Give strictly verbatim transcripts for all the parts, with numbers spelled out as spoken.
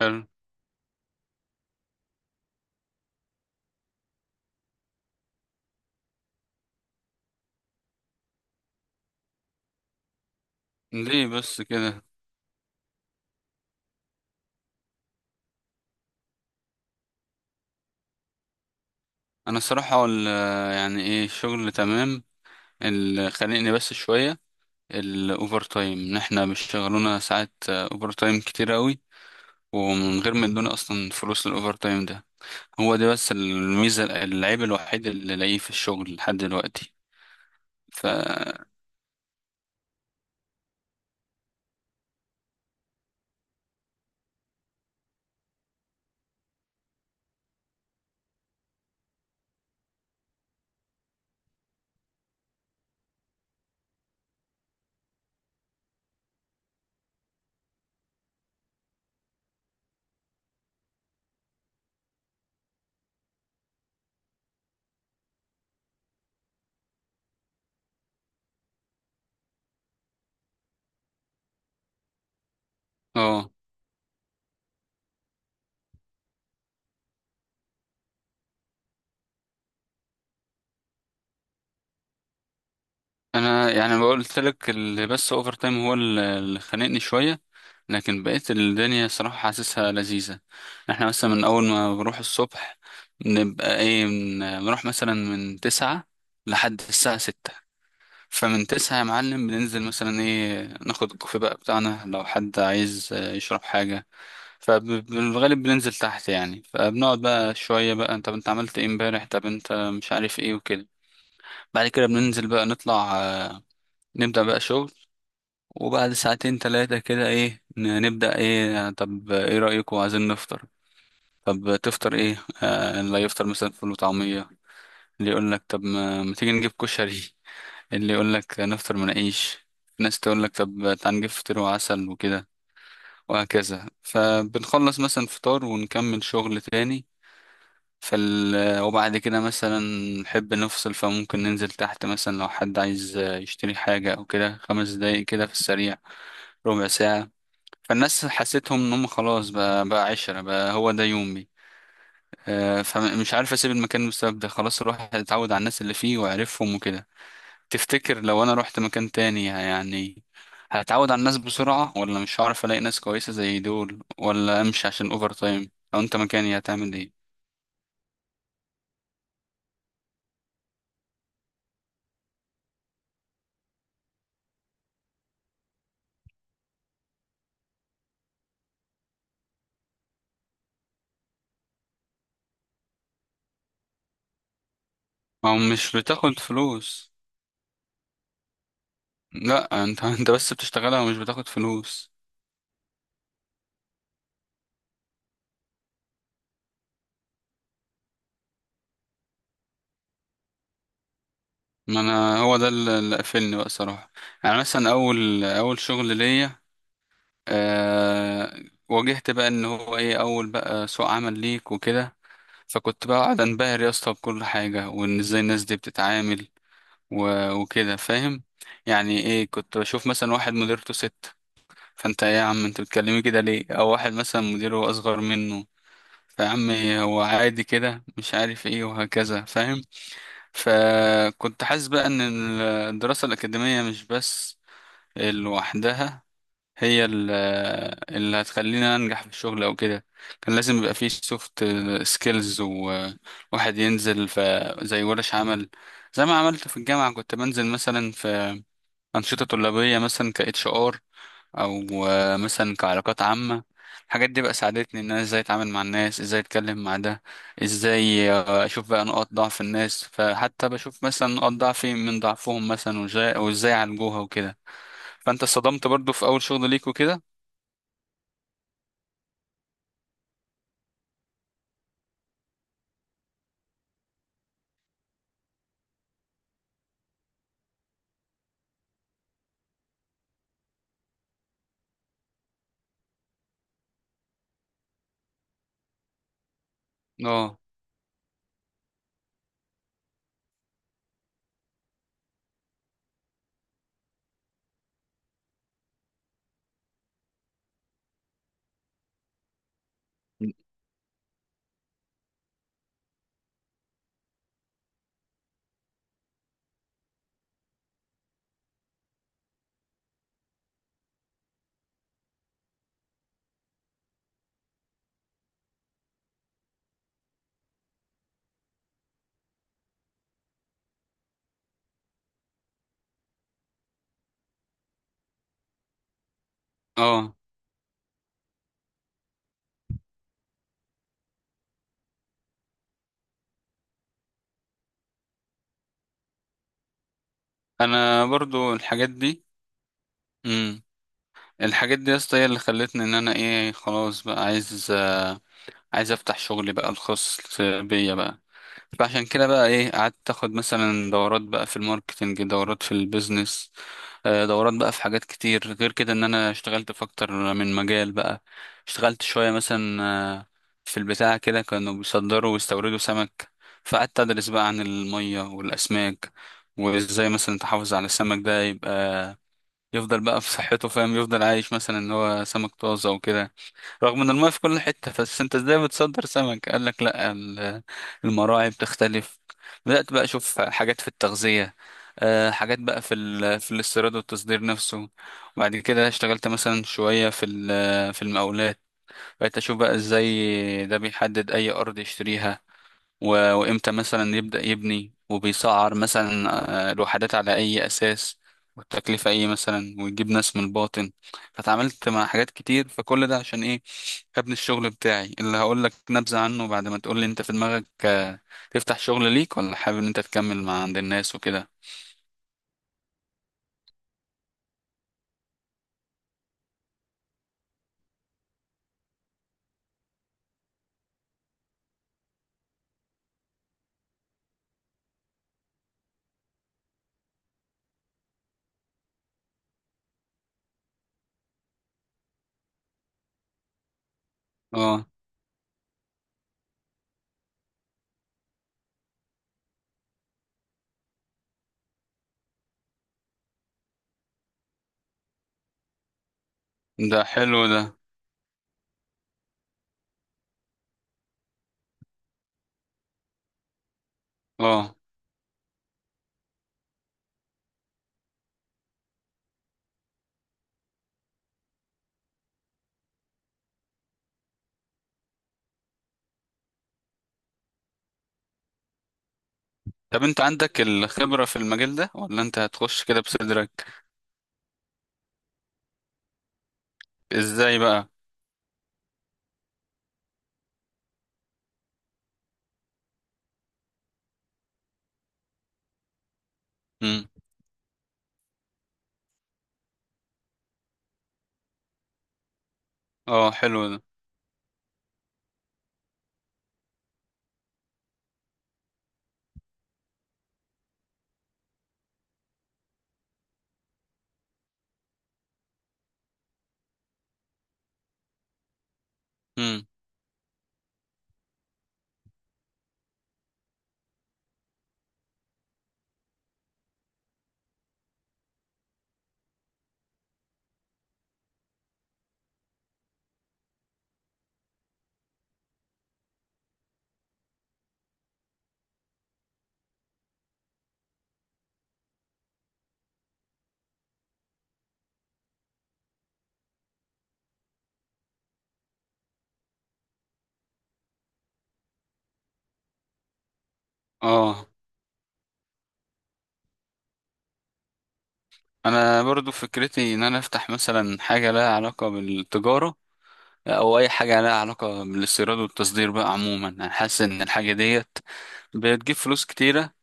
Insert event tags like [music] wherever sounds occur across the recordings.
حلو. ليه بس كده؟ انا الصراحه ال- يعني ايه، الشغل تمام. اللي خانقني بس شويه الاوفر تايم، ان احنا بيشتغلونا ساعات اوفر تايم كتير قوي، ومن غير ما يدونا اصلا فلوس الاوفر تايم ده. هو ده بس الميزه، العيب الوحيد اللي لاقيه في الشغل لحد دلوقتي. ف اه انا يعني قلت لك اللي بس اوفر تايم هو اللي اللي خانقني شويه، لكن بقيت الدنيا صراحه حاسسها لذيذه. احنا مثلا من اول ما بنروح الصبح، نبقى ايه، من- بنروح مثلا من تسعة لحد الساعه ستة. فمن تسعة يا معلم بننزل مثلا ايه، ناخد الكوفي بقى بتاعنا لو حد عايز آه، يشرب حاجه. فبالغالب بننزل تحت يعني، فبنقعد بقى شويه بقى: طب انت عملت ايه امبارح، طب انت مش عارف ايه، وكده. بعد كده بننزل بقى، نطلع آه، نبدأ بقى شغل. وبعد ساعتين تلاتة كده ايه ن- نبدأ ايه، طب ايه رأيكم، عايزين نفطر؟ طب تفطر ايه؟ آه اللي يفطر مثلا فول وطعمية، اللي يقول لك طب ما ما تيجي نجيب كشري، اللي يقول لك نفطر مناقيش، ناس تقول لك طب تعال نجيب فطير وعسل وكده. وهكذا. فبنخلص مثلا فطار ونكمل شغل تاني. فال... وبعد كده مثلا نحب نفصل، فممكن ننزل تحت مثلا لو حد عايز يشتري حاجة أو كده، خمس دقايق كده في السريع، ربع ساعة. فالناس حسيتهم ان هم خلاص بقى، بقى عشرة بقى هو ده يومي. آه، فمش عارف اسيب المكان بسبب ده، خلاص الواحد اتعود على الناس اللي فيه وعرفهم وكده. تفتكر لو انا رحت مكان تاني يعني هتعود على الناس بسرعة، ولا مش هعرف الاقي ناس كويسة زي دول، ولا امشي عشان اوفر تايم؟ لو انت مكاني هتعمل ايه؟ ما هو مش بتاخد فلوس. لا انت [laughs] انت بس بتشتغلها ومش بتاخد فلوس. ما انا هو ده اللي اللي قفلني بقى صراحة. يعني مثلا اول اول شغل ليا، آه، واجهت بقى ان هو ايه، اول بقى سوق عمل ليك وكده. فكنت بقى قاعد انبهر يا اسطى بكل حاجه، وان ازاي الناس دي بتتعامل و- وكده، فاهم؟ يعني ايه، كنت بشوف مثلا واحد مديرته ست، فانت إيه يا عم انت بتكلمي كده ليه؟ او واحد مثلا مديره اصغر منه، فعم، هو عادي كده، مش عارف ايه وهكذا، فاهم؟ فكنت حاسس بقى ان الدراسه الاكاديميه مش بس لوحدها هي ال- اللي هتخليني انجح في الشغل او كده. كان لازم يبقى فيه سوفت سكيلز، وواحد ينزل في زي ورش عمل. زي ما عملت في الجامعة، كنت بنزل مثلا في أنشطة طلابية مثلا ك اتش ار، او آه، مثلا كعلاقات عامة. الحاجات دي بقى ساعدتني ان انا ازاي اتعامل مع الناس، ازاي اتكلم مع ده، ازاي آه، اشوف بقى نقاط ضعف الناس، فحتى بشوف مثلا نقاط ضعفي من ضعفهم مثلا، وازاي وازاي عالجوها وكده. فانت اتصدمت برضو في اول شغل ليك وكده؟ اه. اه انا برضو الحاجات دي. امم الحاجات دي يا اسطى هي اللي خلتني ان انا ايه، خلاص بقى عايز آه، عايز افتح شغلي بقى الخاص بيا بقى. فعشان كده بقى ايه، قعدت اخد مثلا دورات بقى في الماركتنج، دورات في البيزنس، آه، دورات بقى في حاجات كتير. غير كده ان انا اشتغلت في اكتر من مجال بقى. اشتغلت شوية مثلا آه، في البتاع كده كانوا بيصدروا ويستوردوا سمك، فقعدت ادرس بقى عن المية والاسماك، وازاي مثلا تحافظ على السمك ده يبقى يفضل بقى في صحته، فاهم، يفضل عايش مثلا ان هو سمك طازة وكده. رغم ان الماء في كل حتة، بس انت ازاي بتصدر سمك؟ قال لك لا، ال- المراعي بتختلف. بدأت بقى اشوف حاجات في التغذية، آه، حاجات بقى في ال- في الاستيراد والتصدير نفسه. وبعد كده اشتغلت مثلا شوية في ال- في المقاولات. بقيت اشوف بقى ازاي ده بيحدد اي ارض يشتريها و- وامتى مثلا يبدأ يبني، وبيسعر مثلا آه، الوحدات على اي اساس، والتكلفة ايه مثلا، ويجيب ناس من الباطن. فتعاملت مع حاجات كتير. فكل ده عشان ايه؟ ابن الشغل بتاعي اللي هقول لك نبذة عنه بعد ما تقول لي انت في دماغك آه، تفتح شغل ليك، ولا حابب ان انت تكمل مع عند الناس وكده. اه ده حلو ده. اه طب انت عندك الخبرة في المجال ده ولا انت هتخش كده بصدرك؟ ازاي بقى؟ امم اه حلو ده. امم اه انا برضو فكرتي ان انا افتح مثلا حاجة لها علاقة بالتجارة، او اي حاجة لها علاقة بالاستيراد والتصدير بقى عموما. انا حاسس ان الحاجة ديت بتجيب فلوس كتيرة.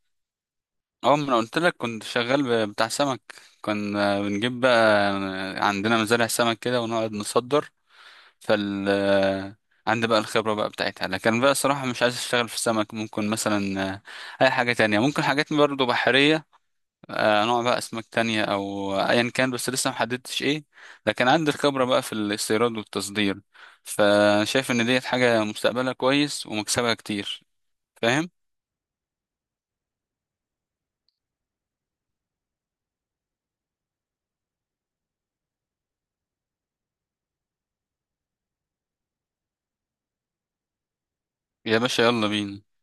اه ما انا قلت لك كنت شغال ب- بتاع سمك. كنا بنجيب بقى، عندنا مزارع سمك كده ونقعد نصدر. فال عندي بقى الخبرة بقى بتاعتها، لكن بقى صراحة مش عايز اشتغل في السمك. ممكن مثلا آه، اي حاجة تانية، ممكن حاجات برضه بحرية، آه، نوع بقى اسماك تانية او ايا كان، بس لسه محددتش ايه. لكن عندي الخبرة بقى في الاستيراد والتصدير. فشايف ان ديت حاجة مستقبلها كويس ومكسبها كتير، فاهم؟ يا باشا يلا بينا.